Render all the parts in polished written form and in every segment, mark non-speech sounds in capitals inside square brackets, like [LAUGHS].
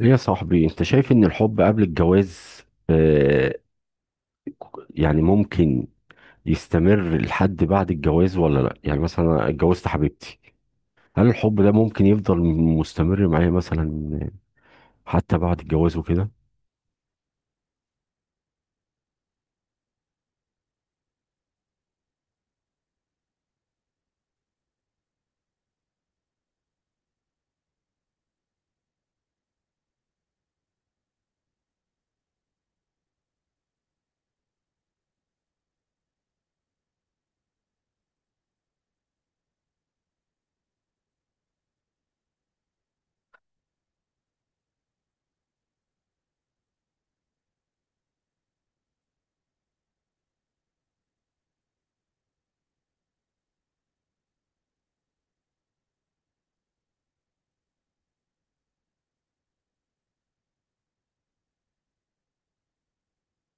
ايه يا صاحبي، انت شايف ان الحب قبل الجواز آه يعني ممكن يستمر لحد بعد الجواز ولا لا؟ يعني مثلا أنا اتجوزت حبيبتي، هل الحب ده ممكن يفضل مستمر معايا مثلا حتى بعد الجواز وكده؟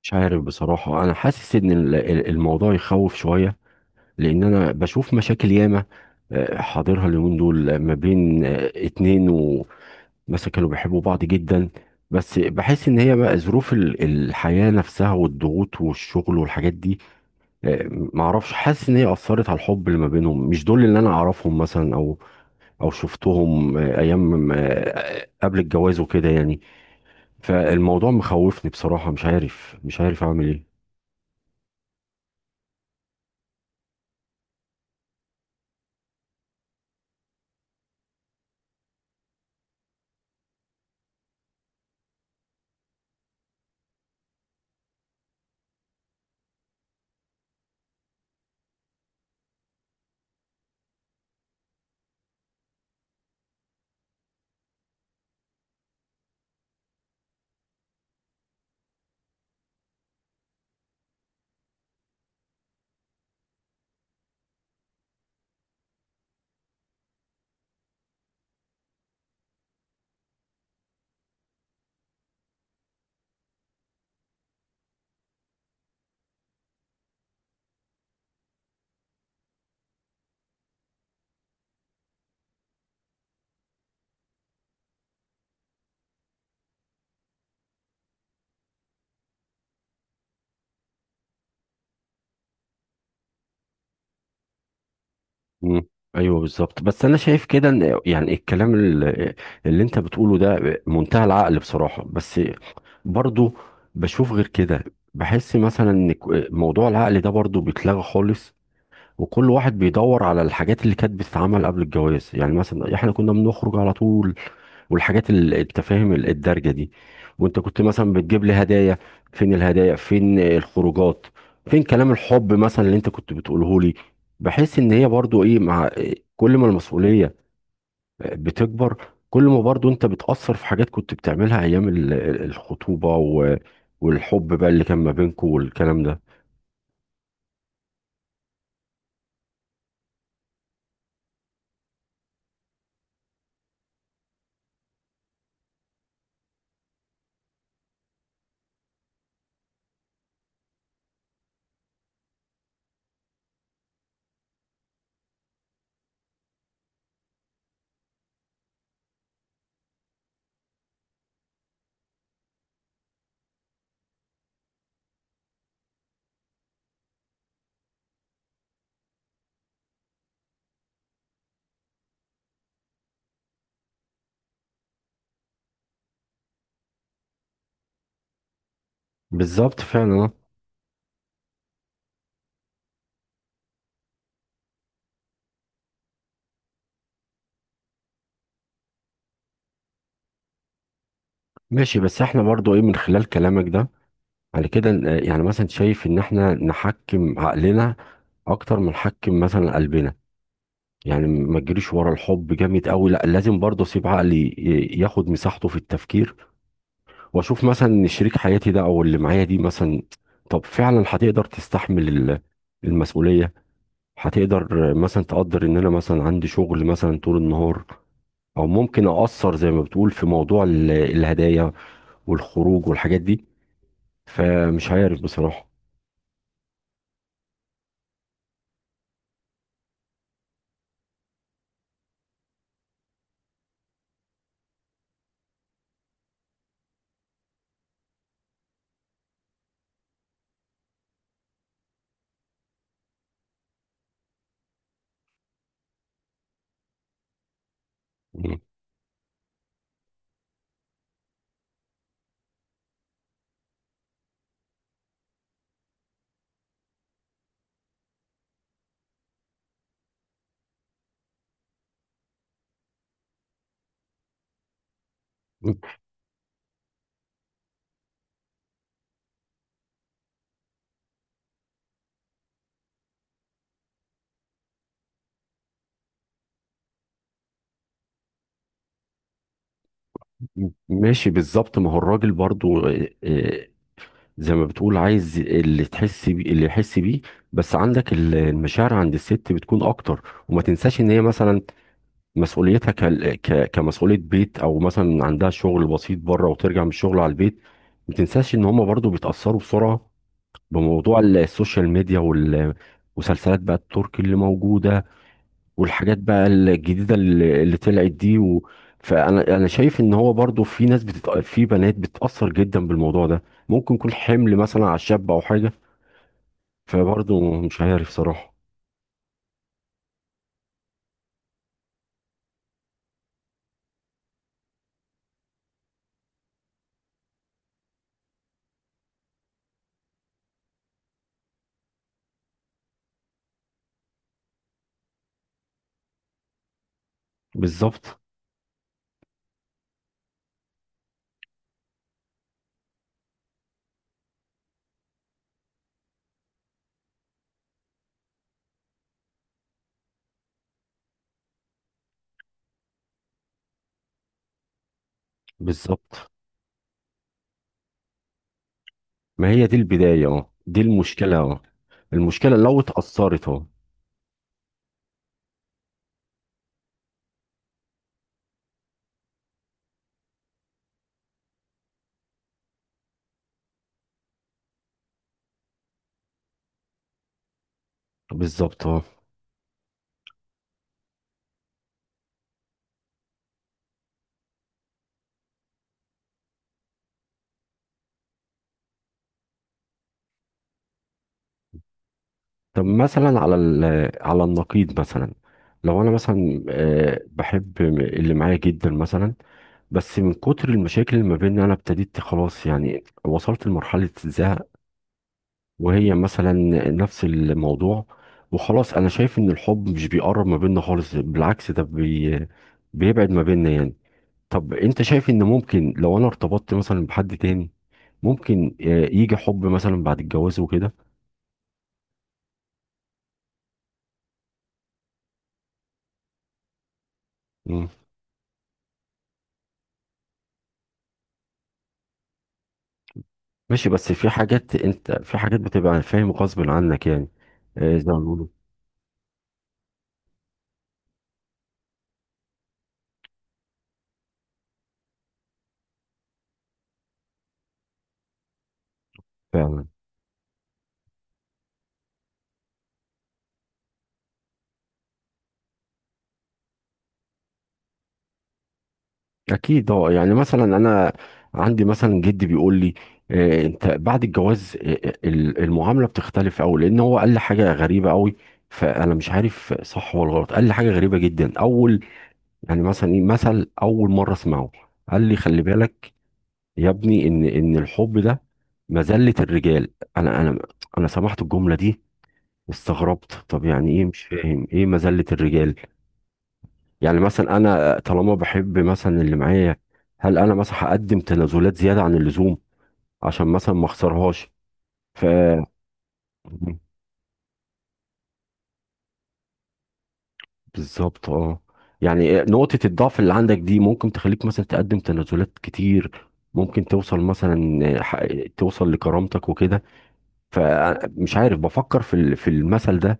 مش عارف بصراحة، انا حاسس ان الموضوع يخوف شوية، لان انا بشوف مشاكل ياما حاضرها اليومين دول ما بين اتنين مثلا كانوا بيحبوا بعض جدا، بس بحس ان هي بقى ظروف الحياة نفسها والضغوط والشغل والحاجات دي. معرفش، حاسس ان هي اثرت على الحب اللي ما بينهم. مش دول اللي انا اعرفهم مثلا او او شفتهم ايام قبل الجواز وكده يعني. فالموضوع مخوفني بصراحة، مش عارف اعمل ايه. مم. ايوه بالظبط، بس انا شايف كده ان يعني الكلام اللي انت بتقوله ده منتهى العقل بصراحه، بس برضو بشوف غير كده. بحس مثلا ان موضوع العقل ده برضو بيتلغى خالص، وكل واحد بيدور على الحاجات اللي كانت بتتعمل قبل الجواز. يعني مثلا احنا كنا بنخرج على طول، والحاجات التفاهم الدارجه دي، وانت كنت مثلا بتجيب لي هدايا. فين الهدايا؟ فين الخروجات؟ فين كلام الحب مثلا اللي انت كنت بتقوله لي؟ بحيث ان هي برضو ايه مع كل ما المسؤوليه بتكبر، كل ما برضو انت بتأثر في حاجات كنت بتعملها ايام الخطوبه، و والحب بقى اللي كان ما بينكم والكلام ده. بالظبط فعلا آه. ماشي، بس احنا برضو ايه من خلال كلامك ده، على كده يعني مثلا شايف ان احنا نحكم عقلنا اكتر ما نحكم مثلا قلبنا. يعني ما تجريش ورا الحب جامد قوي، لا لازم برضه اسيب عقلي ياخد مساحته في التفكير، واشوف مثلا ان شريك حياتي ده او اللي معايا دي مثلا طب فعلا هتقدر تستحمل المسؤولية؟ هتقدر مثلا؟ تقدر ان انا مثلا عندي شغل مثلا طول النهار او ممكن اقصر زي ما بتقول في موضوع الهدايا والخروج والحاجات دي؟ فمش عارف بصراحة. مم. ماشي بالظبط، ما هو الراجل برضو زي ما بتقول عايز اللي تحس بيه اللي يحس بيه، بس عندك المشاعر عند الست بتكون اكتر. وما تنساش ان هي مثلا مسؤوليتها كمسؤولية بيت، او مثلا عندها شغل بسيط بره وترجع من الشغل على البيت. ما تنساش ان هم برضو بيتأثروا بسرعة بموضوع السوشيال ميديا والمسلسلات بقى التركي اللي موجودة والحاجات بقى الجديدة اللي طلعت دي. و... فأنا شايف إن هو برضو في ناس بتت... في بنات بتتأثر جدا بالموضوع ده، ممكن يكون حمل مثلا على الشاب أو حاجة. فبرضو مش عارف صراحة. بالظبط بالظبط. ما هي دي البداية، اه دي المشكلة، اه المشكلة لو اتأثرت اه. بالظبط اه. طب مثلا على على النقيض مثلا، لو انا مثلا بحب اللي معايا جدا مثلا، بس من كتر المشاكل اللي ما بيننا انا ابتديت خلاص يعني وصلت لمرحلة زهق، وهي مثلا نفس الموضوع. وخلاص انا شايف ان الحب مش بيقرب ما بيننا خالص، بالعكس ده بيبعد ما بيننا يعني. طب انت شايف ان ممكن لو انا ارتبطت مثلا بحد تاني ممكن يجي حب مثلا بعد الجواز وكده؟ ماشي، بس في حاجات انت في حاجات بتبقى فاهم غصب عنك يعني زي ما بيقولوا. فعلا اكيد اه. يعني مثلا انا عندي مثلا جدي بيقول لي انت بعد الجواز المعامله بتختلف قوي، لان هو قال لي حاجه غريبه قوي، فانا مش عارف صح ولا غلط. قال لي حاجه غريبه جدا اول، يعني مثلا ايه مثل اول مره اسمعه. قال لي خلي بالك يا ابني ان الحب ده مذله الرجال. انا انا انا سمعت الجمله دي استغربت، طب يعني ايه؟ مش فاهم ايه مذلة الرجال. يعني مثلا انا طالما بحب مثلا اللي معايا، هل انا مثلا هقدم تنازلات زيادة عن اللزوم عشان مثلا ما اخسرهاش؟ ف [LAUGHS] بالظبط اه. يعني نقطة الضعف اللي عندك دي ممكن تخليك مثلا تقدم تنازلات كتير، ممكن توصل مثلا ح- توصل لكرامتك وكده. فمش عارف، بفكر في في المثل ده،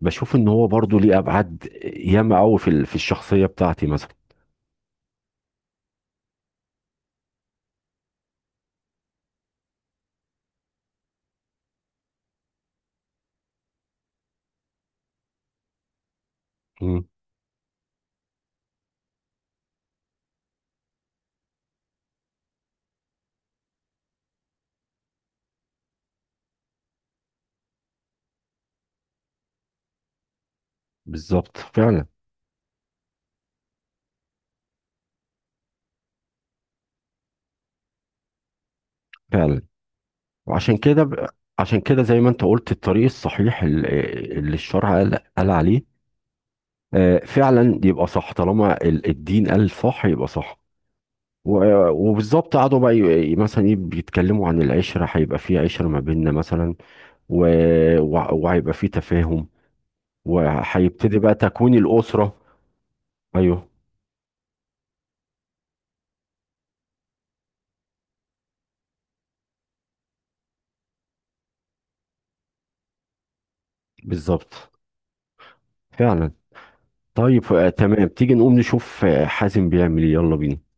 بشوف ان هو برضو ليه ابعاد ياما قوي في في الشخصية بتاعتي مثلا. بالظبط فعلا. فعلا وعشان كده ب... عشان كده زي ما انت قلت الطريق الصحيح اللي الشرع قال عليه، فعلا يبقى صح. طالما الدين قال صح يبقى صح. وبالظبط قعدوا بقى مثلا بيتكلموا عن العشرة، هيبقى في عشرة ما بيننا مثلا و... وهيبقى في تفاهم، وهيبتدي بقى تكوين الأسرة. ايوه بالظبط فعلا. طيب تمام، تيجي نقوم نشوف حازم بيعمل ايه؟ يلا بينا.